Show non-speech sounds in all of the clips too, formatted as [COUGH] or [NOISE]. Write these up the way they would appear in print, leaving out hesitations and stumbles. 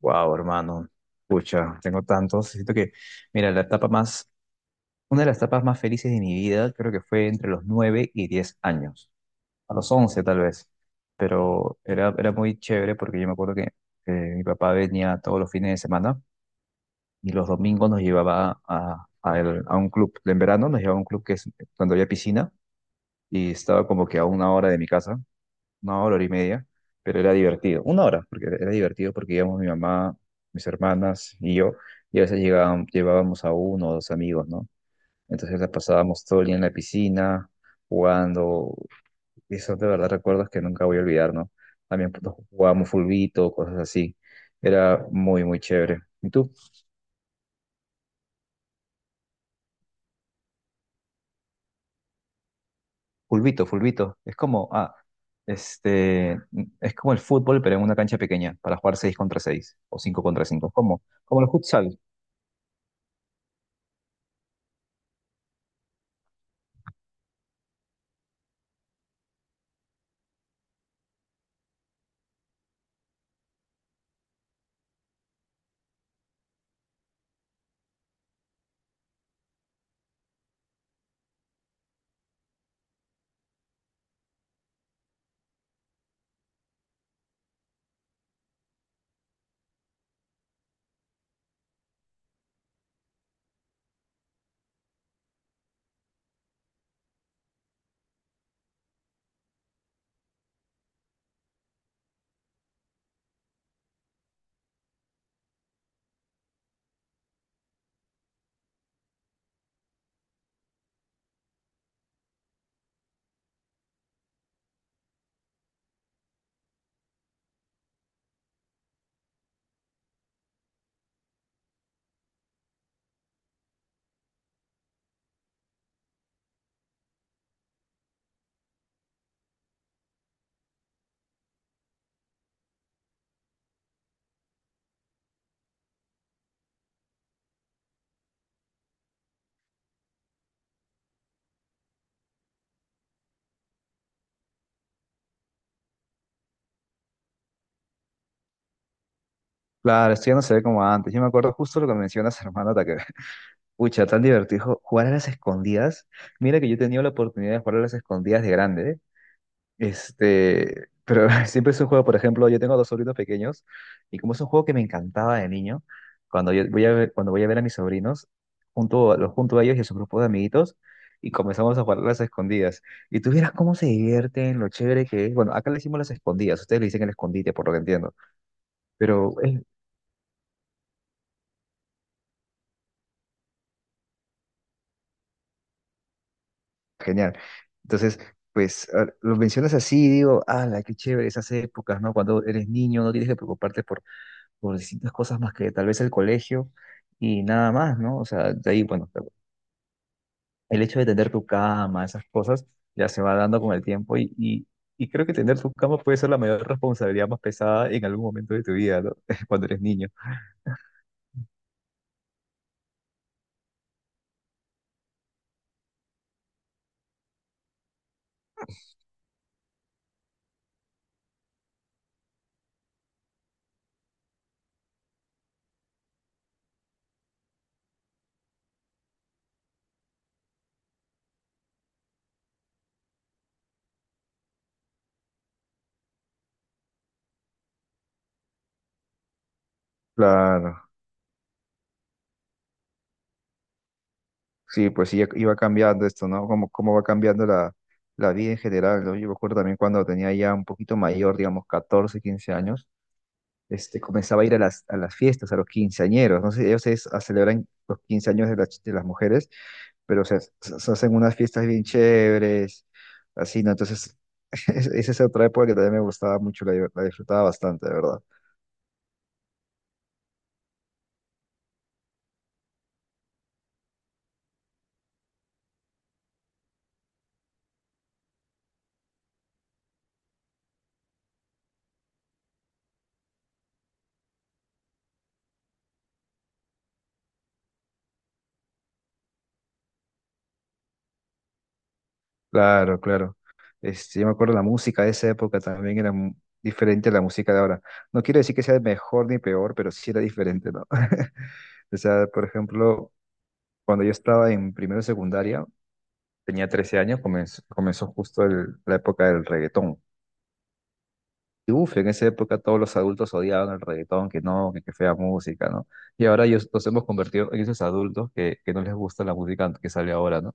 Wow, hermano. Pucha, tengo tantos. Siento que, mira, una de las etapas más felices de mi vida, creo que fue entre los 9 y 10 años, a los 11 tal vez, pero era muy chévere porque yo me acuerdo que mi papá venía todos los fines de semana y los domingos nos llevaba a un club. En verano nos llevaba a un club que es cuando había piscina y estaba como que a una hora de mi casa una hora, hora y media, pero era divertido. Una hora, porque era divertido porque íbamos mi mamá, mis hermanas y yo, y a veces llevábamos a uno o dos amigos, ¿no? Entonces la pasábamos todo el día en la piscina, jugando, y son de verdad recuerdos que nunca voy a olvidar, ¿no? También pues, jugábamos fulbito, cosas así. Era muy, muy chévere. ¿Y tú? Fulbito, fulbito. Es como, ah, este, es como el fútbol, pero en una cancha pequeña, para jugar 6 contra 6 o 5 contra 5. ¿Cómo? Como el futsal. Claro, esto ya no se ve como antes. Yo me acuerdo justo lo que mencionas, hermano, hasta que, [LAUGHS] pucha, tan divertido jugar a las escondidas. Mira que yo he tenido la oportunidad de jugar a las escondidas de grande, ¿eh? Este, pero [LAUGHS] siempre es un juego, por ejemplo, yo tengo dos sobrinos pequeños y como es un juego que me encantaba de niño, cuando yo voy a ver, cuando voy a ver a mis sobrinos, junto, los junto a ellos y a su grupo de amiguitos y comenzamos a jugar a las escondidas. Y tú vieras cómo se divierten, lo chévere que es. Bueno, acá le decimos las escondidas, ustedes le dicen el escondite, por lo que entiendo. Pero es genial. Entonces, pues lo mencionas así y digo, ala, qué chévere esas épocas, ¿no? Cuando eres niño no tienes que preocuparte por distintas cosas más que tal vez el colegio y nada más, ¿no? O sea, de ahí, bueno, el hecho de tener tu cama, esas cosas, ya se va dando con el tiempo y creo que tener tu cama puede ser la mayor responsabilidad más pesada en algún momento de tu vida, ¿no? [LAUGHS] Cuando eres niño. Claro. Sí, pues sí, iba cambiando esto, ¿no? Cómo, cómo va cambiando la, la vida en general, ¿no? Yo me acuerdo también cuando tenía ya un poquito mayor, digamos, 14 15 años, este, comenzaba a ir a las fiestas, a los quinceañeros, no sé, ellos es, a celebran los 15 años de, de las mujeres, pero o sea, se hacen unas fiestas bien chéveres, así, ¿no? Entonces, [LAUGHS] esa es otra época que también me gustaba mucho, la disfrutaba bastante, de verdad. Claro, claro. Este, yo me acuerdo la música de esa época también era diferente a la música de ahora. No quiero decir que sea mejor ni peor, pero sí era diferente, ¿no? [LAUGHS] O sea, por ejemplo, cuando yo estaba en primero de secundaria, tenía 13 años, comenzó justo la época del reggaetón. Y uf, en esa época todos los adultos odiaban el reggaetón, que no, que fea música, ¿no? Y ahora ellos nos hemos convertido en esos adultos que no les gusta la música que sale ahora, ¿no?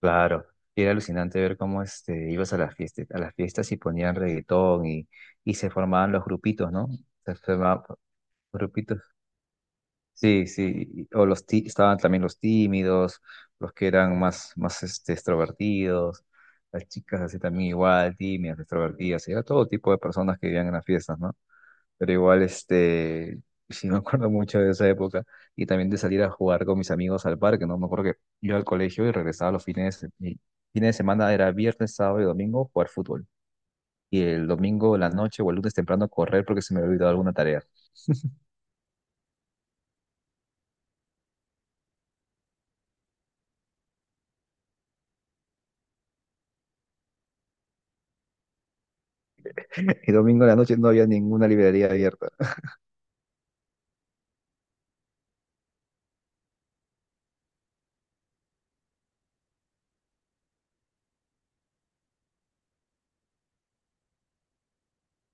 Claro, y era alucinante ver cómo este, ibas a las fiestas y ponían reggaetón y se formaban los grupitos, ¿no? Se formaban grupitos. Sí, sí, o estaban también los tímidos, los que eran más, más este, extrovertidos, las chicas así también igual, tímidas, extrovertidas, y era todo tipo de personas que vivían en las fiestas, ¿no? Pero igual, este, [LAUGHS] sí me acuerdo mucho de esa época y también de salir a jugar con mis amigos al parque, ¿no? Me acuerdo que iba al colegio y regresaba los fines, de se- y fines de semana era viernes, sábado y domingo jugar fútbol. Y el domingo en la noche o el lunes temprano correr porque se me había olvidado alguna tarea. [LAUGHS] Y domingo en la noche no había ninguna librería abierta.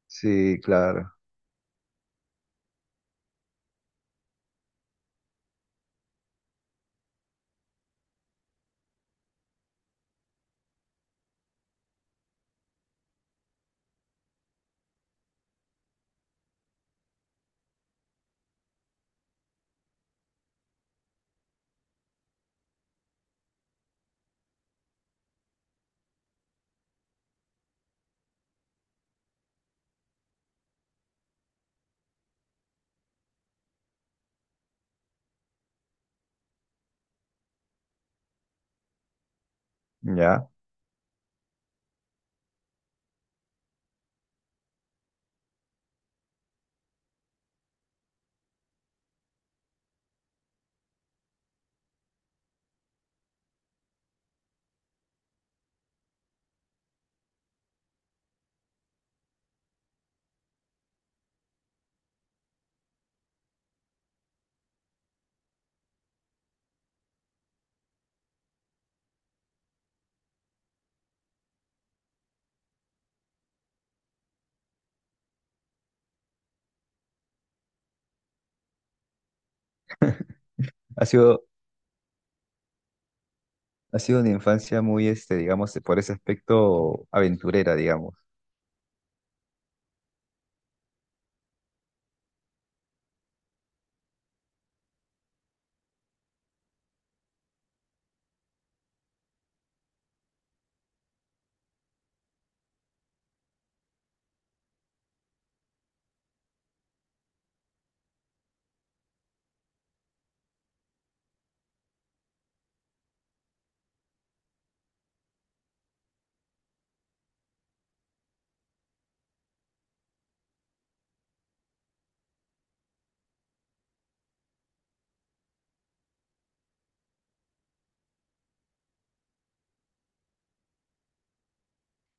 Sí, claro. Ya. Ha sido, ha sido una infancia muy, este, digamos, por ese aspecto aventurera, digamos.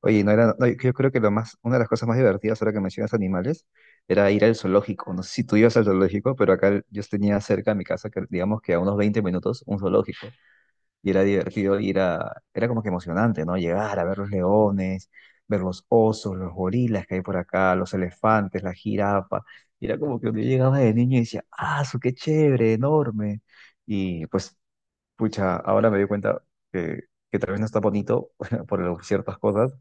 Oye, no, yo creo que lo más, una de las cosas más divertidas ahora que mencionas animales era ir al zoológico. No sé si tú ibas al zoológico, pero acá yo tenía cerca de mi casa, que digamos que a unos 20 minutos, un zoológico. Y era divertido era como que emocionante, ¿no? Llegar a ver los leones, ver los osos, los gorilas que hay por acá, los elefantes, la jirafa. Y era como que yo llegaba de niño y decía, ¡ah, su qué chévere, enorme! Y pues, pucha, ahora me doy cuenta que, que tal vez no está bonito [LAUGHS] por ciertas cosas.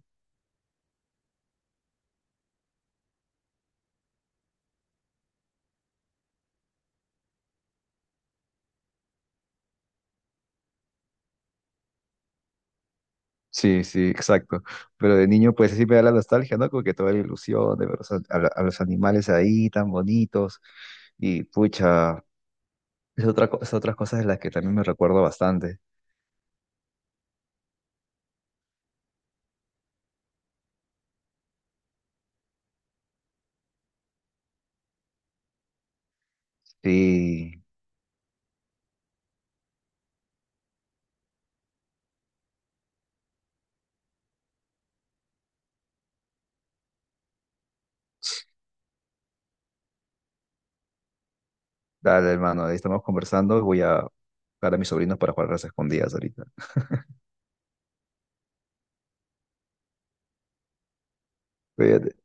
Sí, sí, exacto. Pero de niño, pues sí me da la nostalgia, ¿no? Como que toda la ilusión de ver los an- a, la- a los animales ahí tan bonitos. Y pucha, es otras cosas de las que también me recuerdo bastante. Sí, dale, hermano, ahí estamos conversando. Voy a buscar a mis sobrinos para jugar a las escondidas ahorita. Cuídate.